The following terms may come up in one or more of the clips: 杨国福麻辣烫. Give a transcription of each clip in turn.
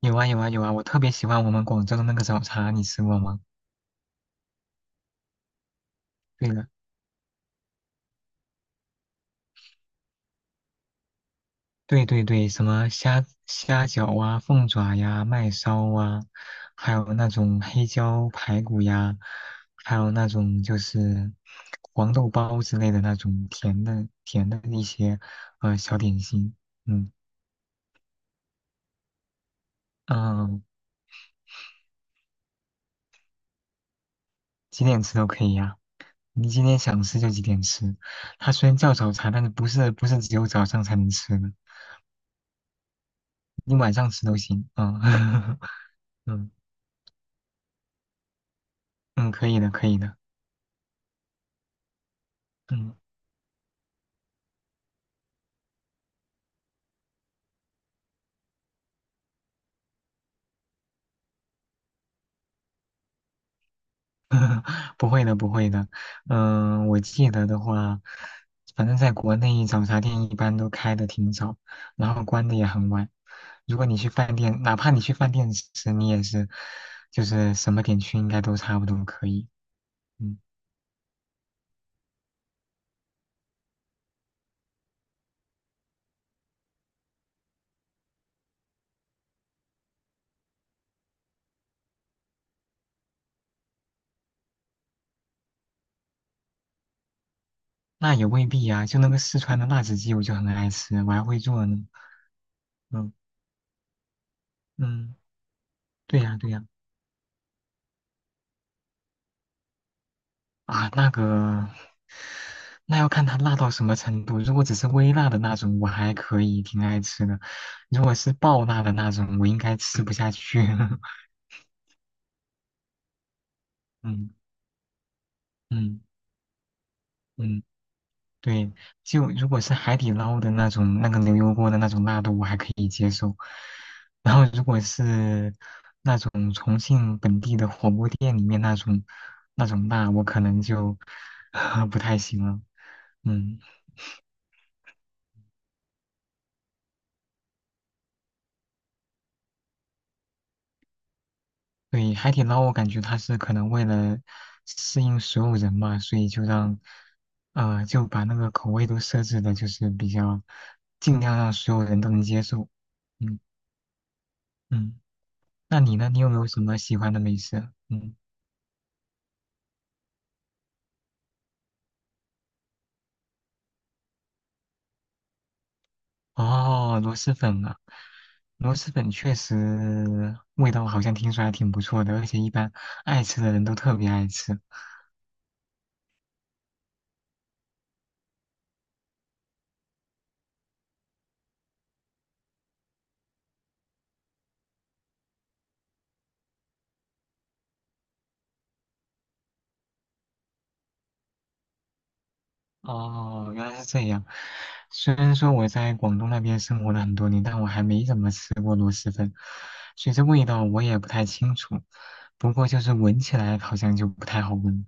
有啊有啊有啊，我特别喜欢我们广州的那个早茶，你吃过吗？对了，对对对，什么虾饺啊、凤爪呀、麦烧啊，还有那种黑椒排骨呀，还有那种就是黄豆包之类的那种甜的一些小点心。嗯。嗯，几点吃都可以呀、你今天想吃就几点吃。它虽然叫早茶，但是不是只有早上才能吃的，你晚上吃都行。嗯。 嗯。嗯，可以的，可以的。嗯。不会的，不会的，我记得的话，反正在国内早茶店一般都开的挺早，然后关的也很晚。如果你去饭店，哪怕你去饭店吃，你也是，就是什么点去应该都差不多可以。嗯。那也未必呀、就那个四川的辣子鸡，我就很爱吃，我还会做呢。嗯。嗯，对呀、啊，那个。那要看它辣到什么程度。如果只是微辣的那种，我还可以，挺爱吃的。如果是爆辣的那种，我应该吃不下去。嗯。嗯。嗯，对，就如果是海底捞的那种，那个牛油锅的那种辣度，我还可以接受。然后如果是那种重庆本地的火锅店里面那种辣，我可能就 不太行了。嗯。对，海底捞我感觉它是可能为了适应所有人嘛，所以就让，就把那个口味都设置的，就是比较尽量让所有人都能接受。嗯。嗯，那你呢？你有没有什么喜欢的美食？嗯。哦，螺蛳粉啊，螺蛳粉确实味道好像听说还挺不错的，而且一般爱吃的人都特别爱吃。哦，原来是这样。虽然说我在广东那边生活了很多年，但我还没怎么吃过螺蛳粉，所以这味道我也不太清楚。不过就是闻起来好像就不太好闻。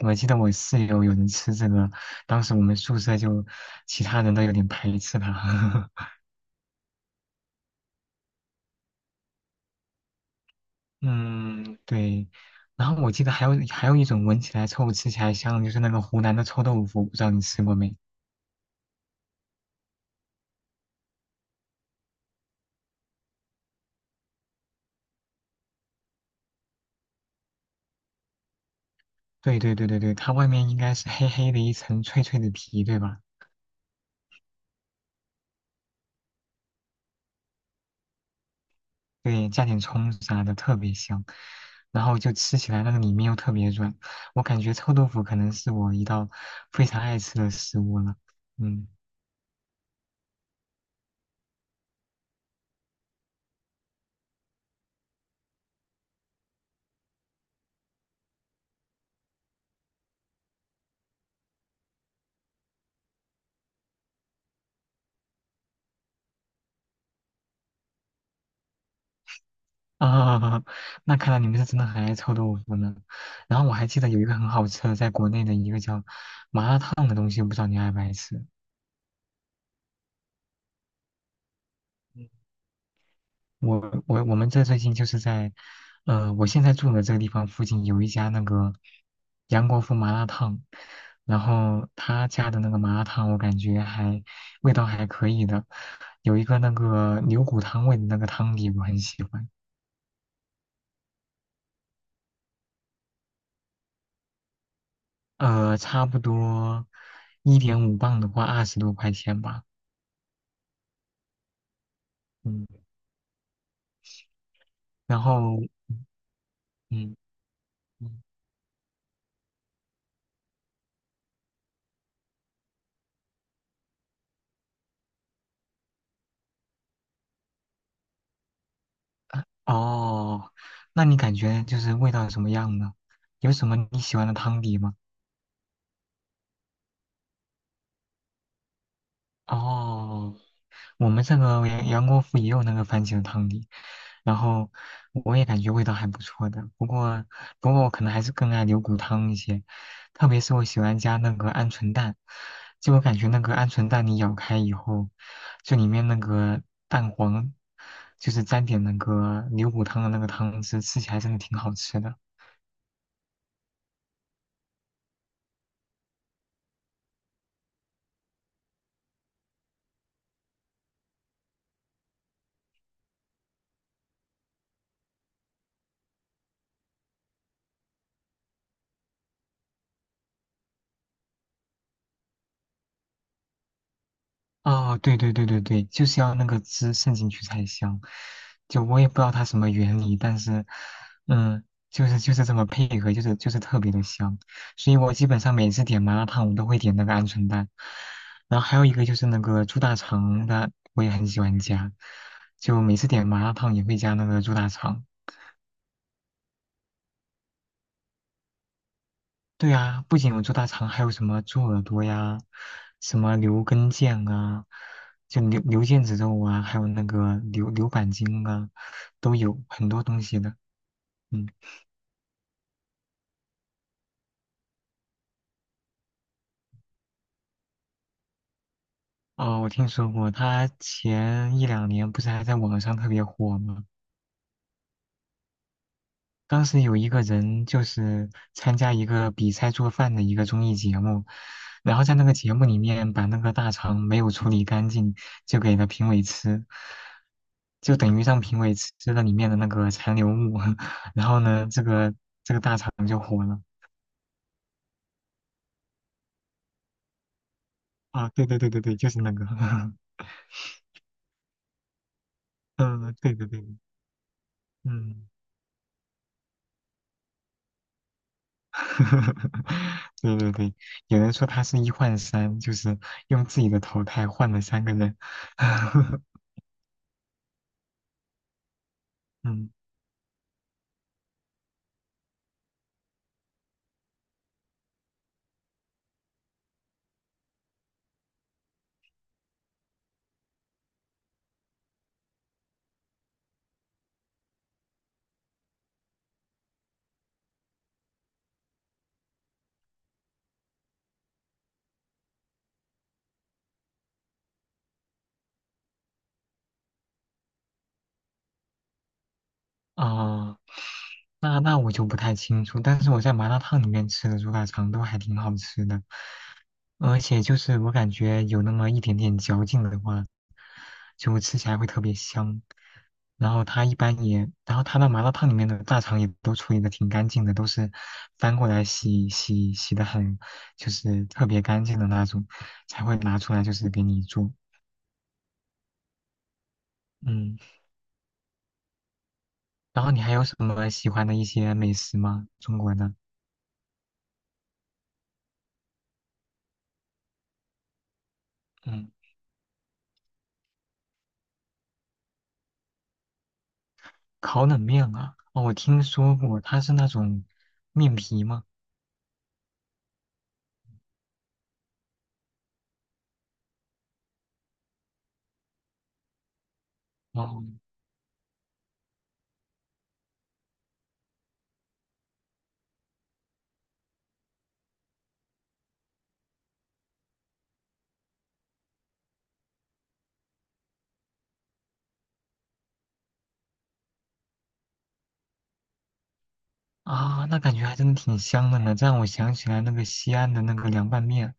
我记得我室友有人吃这个，当时我们宿舍就其他人都有点排斥它。嗯，对。然后我记得还有一种闻起来臭、吃起来香的就是那个湖南的臭豆腐，不知道你吃过没？对对对对对，它外面应该是黑黑的一层脆脆的皮，对吧？对，加点葱啥的特别香，然后就吃起来那个里面又特别软，我感觉臭豆腐可能是我一道非常爱吃的食物了。嗯。啊，那看来你们是真的很爱臭豆腐呢。然后我还记得有一个很好吃的，在国内的一个叫麻辣烫的东西，我不知道你爱不爱吃。我我们这最近就是在，我现在住的这个地方附近有一家那个杨国福麻辣烫，然后他家的那个麻辣烫我感觉还味道还可以的，有一个那个牛骨汤味的那个汤底我很喜欢。呃，差不多1.5磅的话20多块钱吧。嗯，然后。嗯。嗯。哦，那你感觉就是味道怎么样呢？有什么你喜欢的汤底吗？哦，我们这个杨国福也有那个番茄汤底，然后我也感觉味道还不错的。不过，不过我可能还是更爱牛骨汤一些，特别是我喜欢加那个鹌鹑蛋，就我感觉那个鹌鹑蛋你咬开以后，就里面那个蛋黄，就是沾点那个牛骨汤的那个汤汁，吃起来真的挺好吃的。哦，对对对对对，就是要那个汁渗进去才香。就我也不知道它什么原理，但是，嗯，就是这么配合，就是特别的香。所以我基本上每次点麻辣烫，我都会点那个鹌鹑蛋。然后还有一个就是那个猪大肠的，我也很喜欢加。就每次点麻辣烫也会加那个猪大肠。对啊，不仅有猪大肠，还有什么猪耳朵呀，什么牛根腱啊，就牛腱子肉啊，还有那个牛板筋啊，都有很多东西的。嗯。哦，我听说过，他前1~2年不是还在网上特别火吗？当时有一个人就是参加一个比赛做饭的一个综艺节目，然后在那个节目里面把那个大肠没有处理干净，就给了评委吃，就等于让评委吃了里面的那个残留物。然后呢，这个肠就火了。啊，对对对对对，就是那个。嗯，对对对。嗯。对对对，有人说他是1换3，就是用自己的投胎换了3个人。嗯。啊。那那我就不太清楚，但是我在麻辣烫里面吃的猪大肠都还挺好吃的，而且就是我感觉有那么一点点嚼劲的话，就吃起来会特别香。然后它一般也，然后它那麻辣烫里面的大肠也都处理的挺干净的，都是翻过来洗的很，就是特别干净的那种，才会拿出来就是给你做。嗯，然后你还有什么喜欢的一些美食吗？中国的？嗯。烤冷面啊，哦，我听说过，它是那种面皮吗？哦。啊，那感觉还真的挺香的呢。这让我想起来那个西安的那个凉拌面，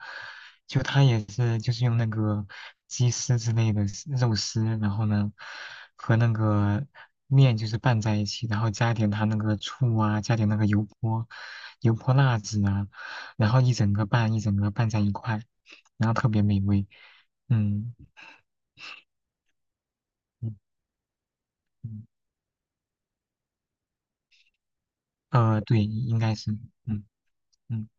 就它也是就是用那个鸡丝之类的丝肉丝，然后呢和那个面就是拌在一起，然后加一点它那个醋啊，加点那个油泼辣子啊，然后一整个拌在一块，然后特别美味。嗯。嗯。嗯。对，应该是。嗯。嗯，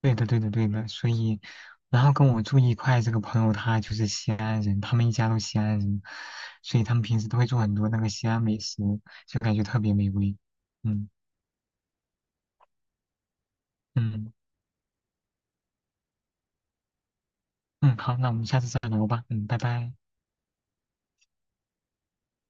对的，对的，对的。所以，然后跟我住一块这个朋友，他就是西安人，他们一家都西安人，所以他们平时都会做很多那个西安美食，就感觉特别美味。嗯。嗯。嗯，好，那我们下次再聊吧。嗯，拜拜。